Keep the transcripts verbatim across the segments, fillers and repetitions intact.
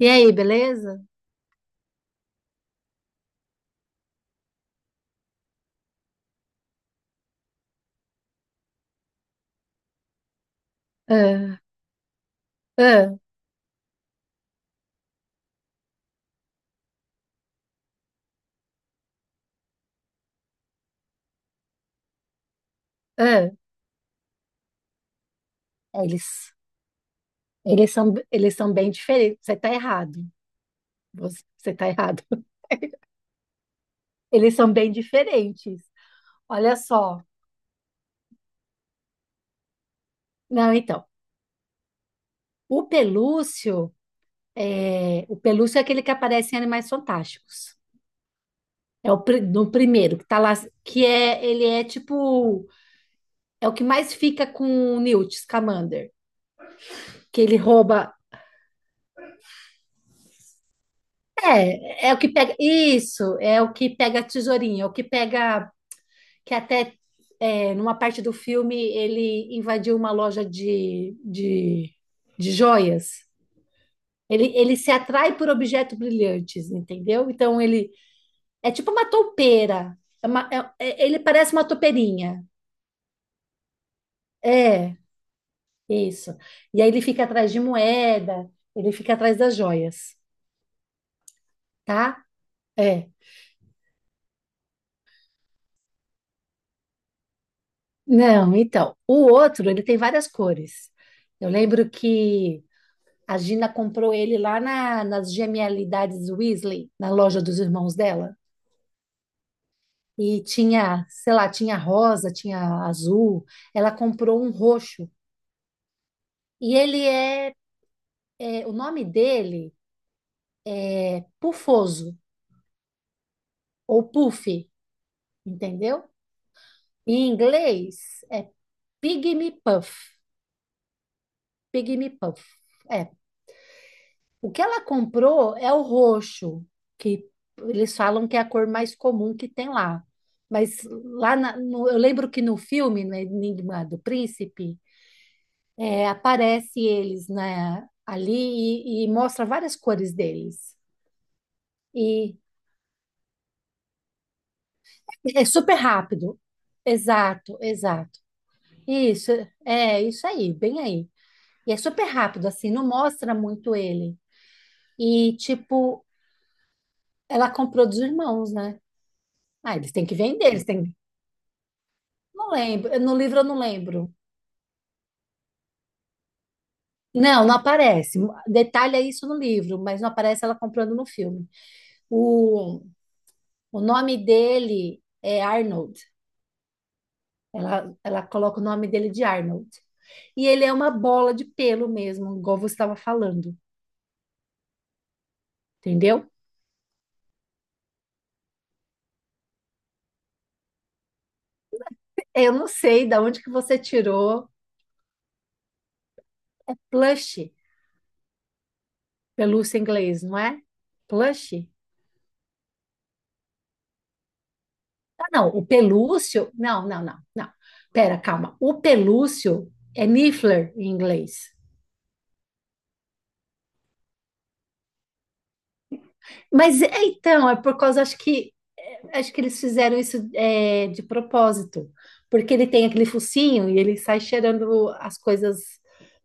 E aí, beleza? Ah, ah, ah. É, eles, eles são, eles são bem diferentes. Você tá errado. Você, você tá errado. Eles são bem diferentes. Olha só. Não, então, o pelúcio é, o pelúcio é aquele que aparece em Animais Fantásticos. É o pri- no primeiro que tá lá, que é, ele é tipo, é o que mais fica com o Newt Scamander, que ele rouba. É, é o que pega. Isso, é o que pega a tesourinha, é o que pega que até é, numa parte do filme ele invadiu uma loja de, de, de joias. Ele, ele se atrai por objetos brilhantes, entendeu? Então ele é tipo uma toupeira. É uma- é- é- ele parece uma toupeirinha. É, isso. E aí ele fica atrás de moeda, ele fica atrás das joias, tá? É. Não, então, o outro, ele tem várias cores. Eu lembro que a Gina comprou ele lá na- nas Genialidades Weasley, na loja dos irmãos dela. E tinha, sei lá, tinha rosa, tinha azul. Ela comprou um roxo. E ele é, é, o nome dele é Pufoso, ou Puff, entendeu? Em inglês é Pygmy Puff. Pygmy Puff. É, o que ela comprou é o roxo, que eles falam que é a cor mais comum que tem lá. Mas lá na- no- eu lembro que no filme, no Enigma do Príncipe, é, aparece eles né, ali e, e mostra várias cores deles. E é super rápido. Exato, exato. Isso, é isso aí, bem aí. E é super rápido, assim, não mostra muito ele. E, tipo, ela comprou dos irmãos, né? Ah, eles têm que vender, eles têm. Não lembro, no livro eu não lembro. Não, não aparece. Detalha isso no livro, mas não aparece ela comprando no filme. O, o nome dele é Arnold. Ela, ela coloca o nome dele de Arnold. E ele é uma bola de pelo mesmo, igual você estava falando, entendeu? Eu não sei da onde que você tirou plush, pelúcia em inglês, não é? Plush? Ah, não, o pelúcio. Não, não, não, não. Pera, calma. O pelúcio é niffler em inglês. Mas é, então, é por causa, acho que é, acho que eles fizeram isso é, de propósito, porque ele tem aquele focinho e ele sai cheirando as coisas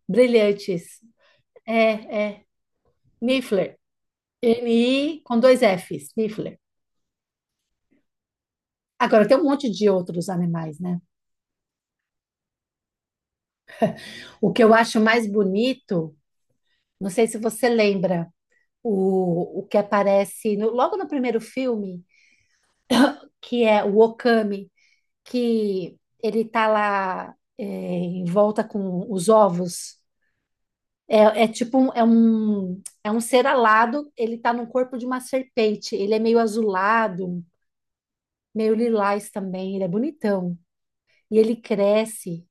brilhantes. É, é, Niffler. N-I com dois Fs, Niffler. Agora, tem um monte de outros animais, né? O que eu acho mais bonito, não sei se você lembra, o, o que aparece no- logo no primeiro filme, que é o Okami, que ele tá lá é, em volta com os ovos. É, é tipo um, é um, é um ser alado, ele tá no corpo de uma serpente. Ele é meio azulado, meio lilás também, ele é bonitão. E ele cresce.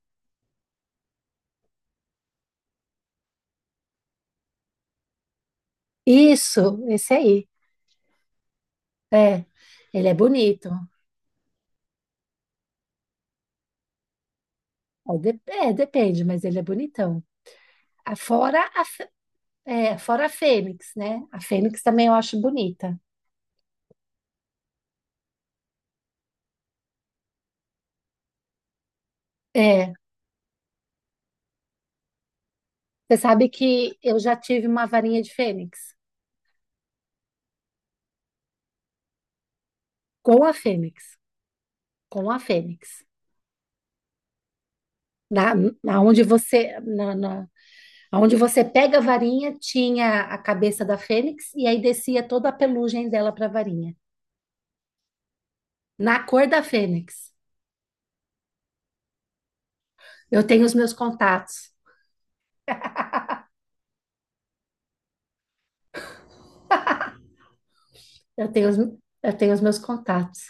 Isso, esse aí. É, ele é bonito. É, de- é, depende, mas ele é bonitão. Ah, fora a, fe- é, fora a Fênix, né? A Fênix também eu acho bonita. É, você sabe que eu já tive uma varinha de Fênix. Com a Fênix, com a Fênix. Na, na onde você, na, na, onde você pega a varinha, tinha a cabeça da Fênix e aí descia toda a pelugem dela para a varinha. Na cor da Fênix. Eu tenho os meus contatos. Eu tenho os, eu tenho os meus contatos.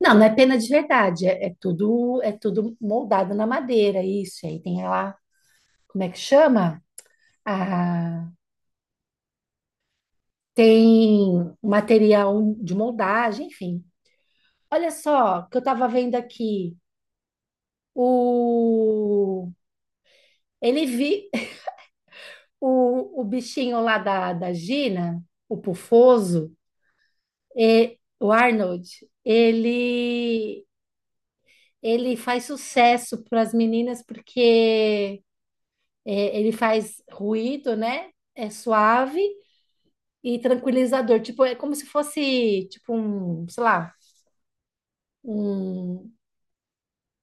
Não, não é pena de verdade, é, é tudo é tudo moldado na madeira, isso. Aí tem lá, como é que chama? Ah, tem material de moldagem, enfim. Olha só, o que eu estava vendo aqui, o... Ele vi o, o bichinho lá da, da Gina, o Pufoso, e, o Arnold, ele, ele faz sucesso para as meninas porque é, ele faz ruído, né? É suave e tranquilizador. Tipo, é como se fosse, tipo, um, sei lá, um...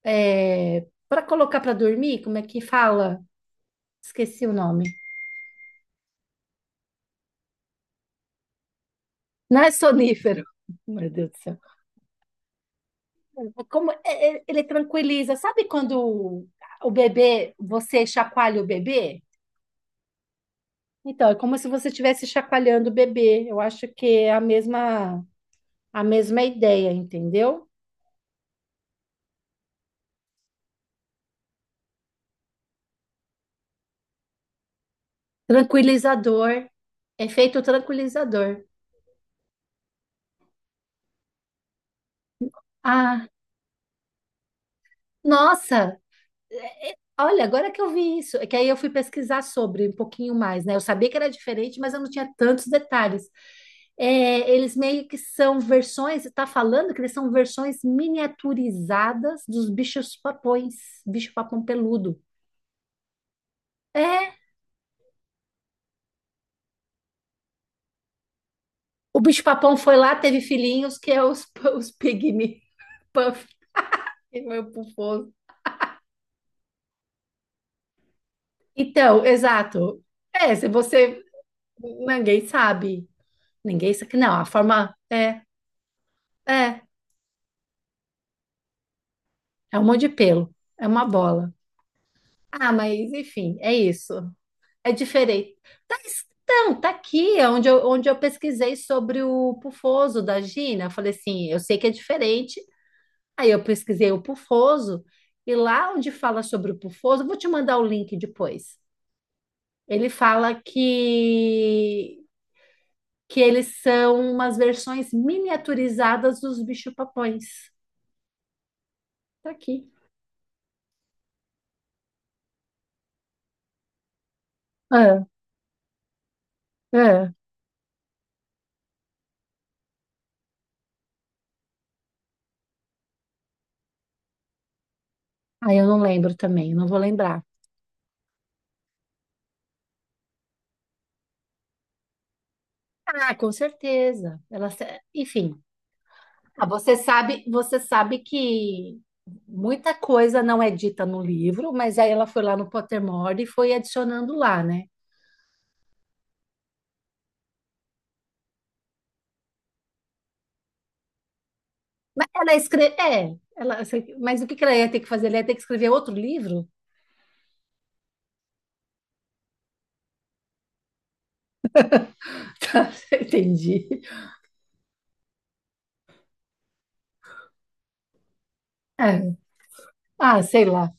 É, para colocar para dormir, como é que fala? Esqueci o nome. Não é sonífero. Meu Deus do céu. É Como é- é- ele tranquiliza, sabe quando o bebê, você chacoalha o bebê? Então, é como se você estivesse chacoalhando o bebê. Eu acho que é a mesma, a mesma ideia, entendeu? Tranquilizador, efeito tranquilizador. Ah, nossa! Olha, agora que eu vi isso, é que aí eu fui pesquisar sobre um pouquinho mais, né? Eu sabia que era diferente, mas eu não tinha tantos detalhes. É, eles meio que são versões, tá falando que eles são versões miniaturizadas dos bichos papões, bicho papão peludo. É, o bicho papão foi lá, teve filhinhos, que é os, os pygmy puff, meu pufoso. Então, exato. É, se você, ninguém sabe, ninguém sabe, não, a forma, é, é, é um monte de pelo, é uma bola. Ah, mas enfim, é isso. É diferente. Tá, então, tá aqui, é onde eu, onde eu pesquisei sobre o pufoso da Gina. Eu falei assim, eu sei que é diferente. Aí eu pesquisei o pufoso, e lá onde fala sobre o pufoso, eu vou te mandar o link depois. Ele fala que, que eles são umas versões miniaturizadas dos bicho-papões. Tá aqui. É, é. Aí eu não lembro também, não vou lembrar. Ah, com certeza. Ela, se- enfim. Ah, você sabe, você sabe que muita coisa não é dita no livro, mas aí ela foi lá no Pottermore e foi adicionando lá, né? Mas ela escreve, é, ela, assim, mas o que que ela ia ter que fazer? Ela ia ter que escrever outro livro? Entendi. É. Ah, sei lá.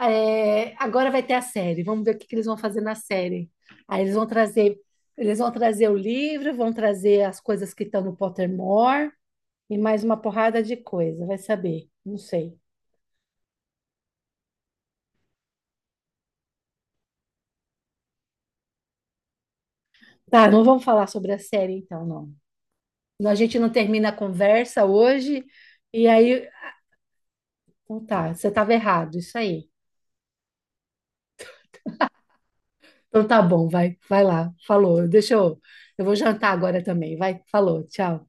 É, agora vai ter a série. Vamos ver o que que eles vão fazer na série. Aí eles vão trazer, eles vão trazer o livro, vão trazer as coisas que estão no Pottermore e mais uma porrada de coisa. Vai saber. Não sei. Tá, não vamos falar sobre a série então, não. A gente não termina a conversa hoje, e aí. Então tá, você estava errado, isso aí. Então tá bom, vai, vai lá, falou. Deixa eu. Eu vou jantar agora também, vai, falou, tchau.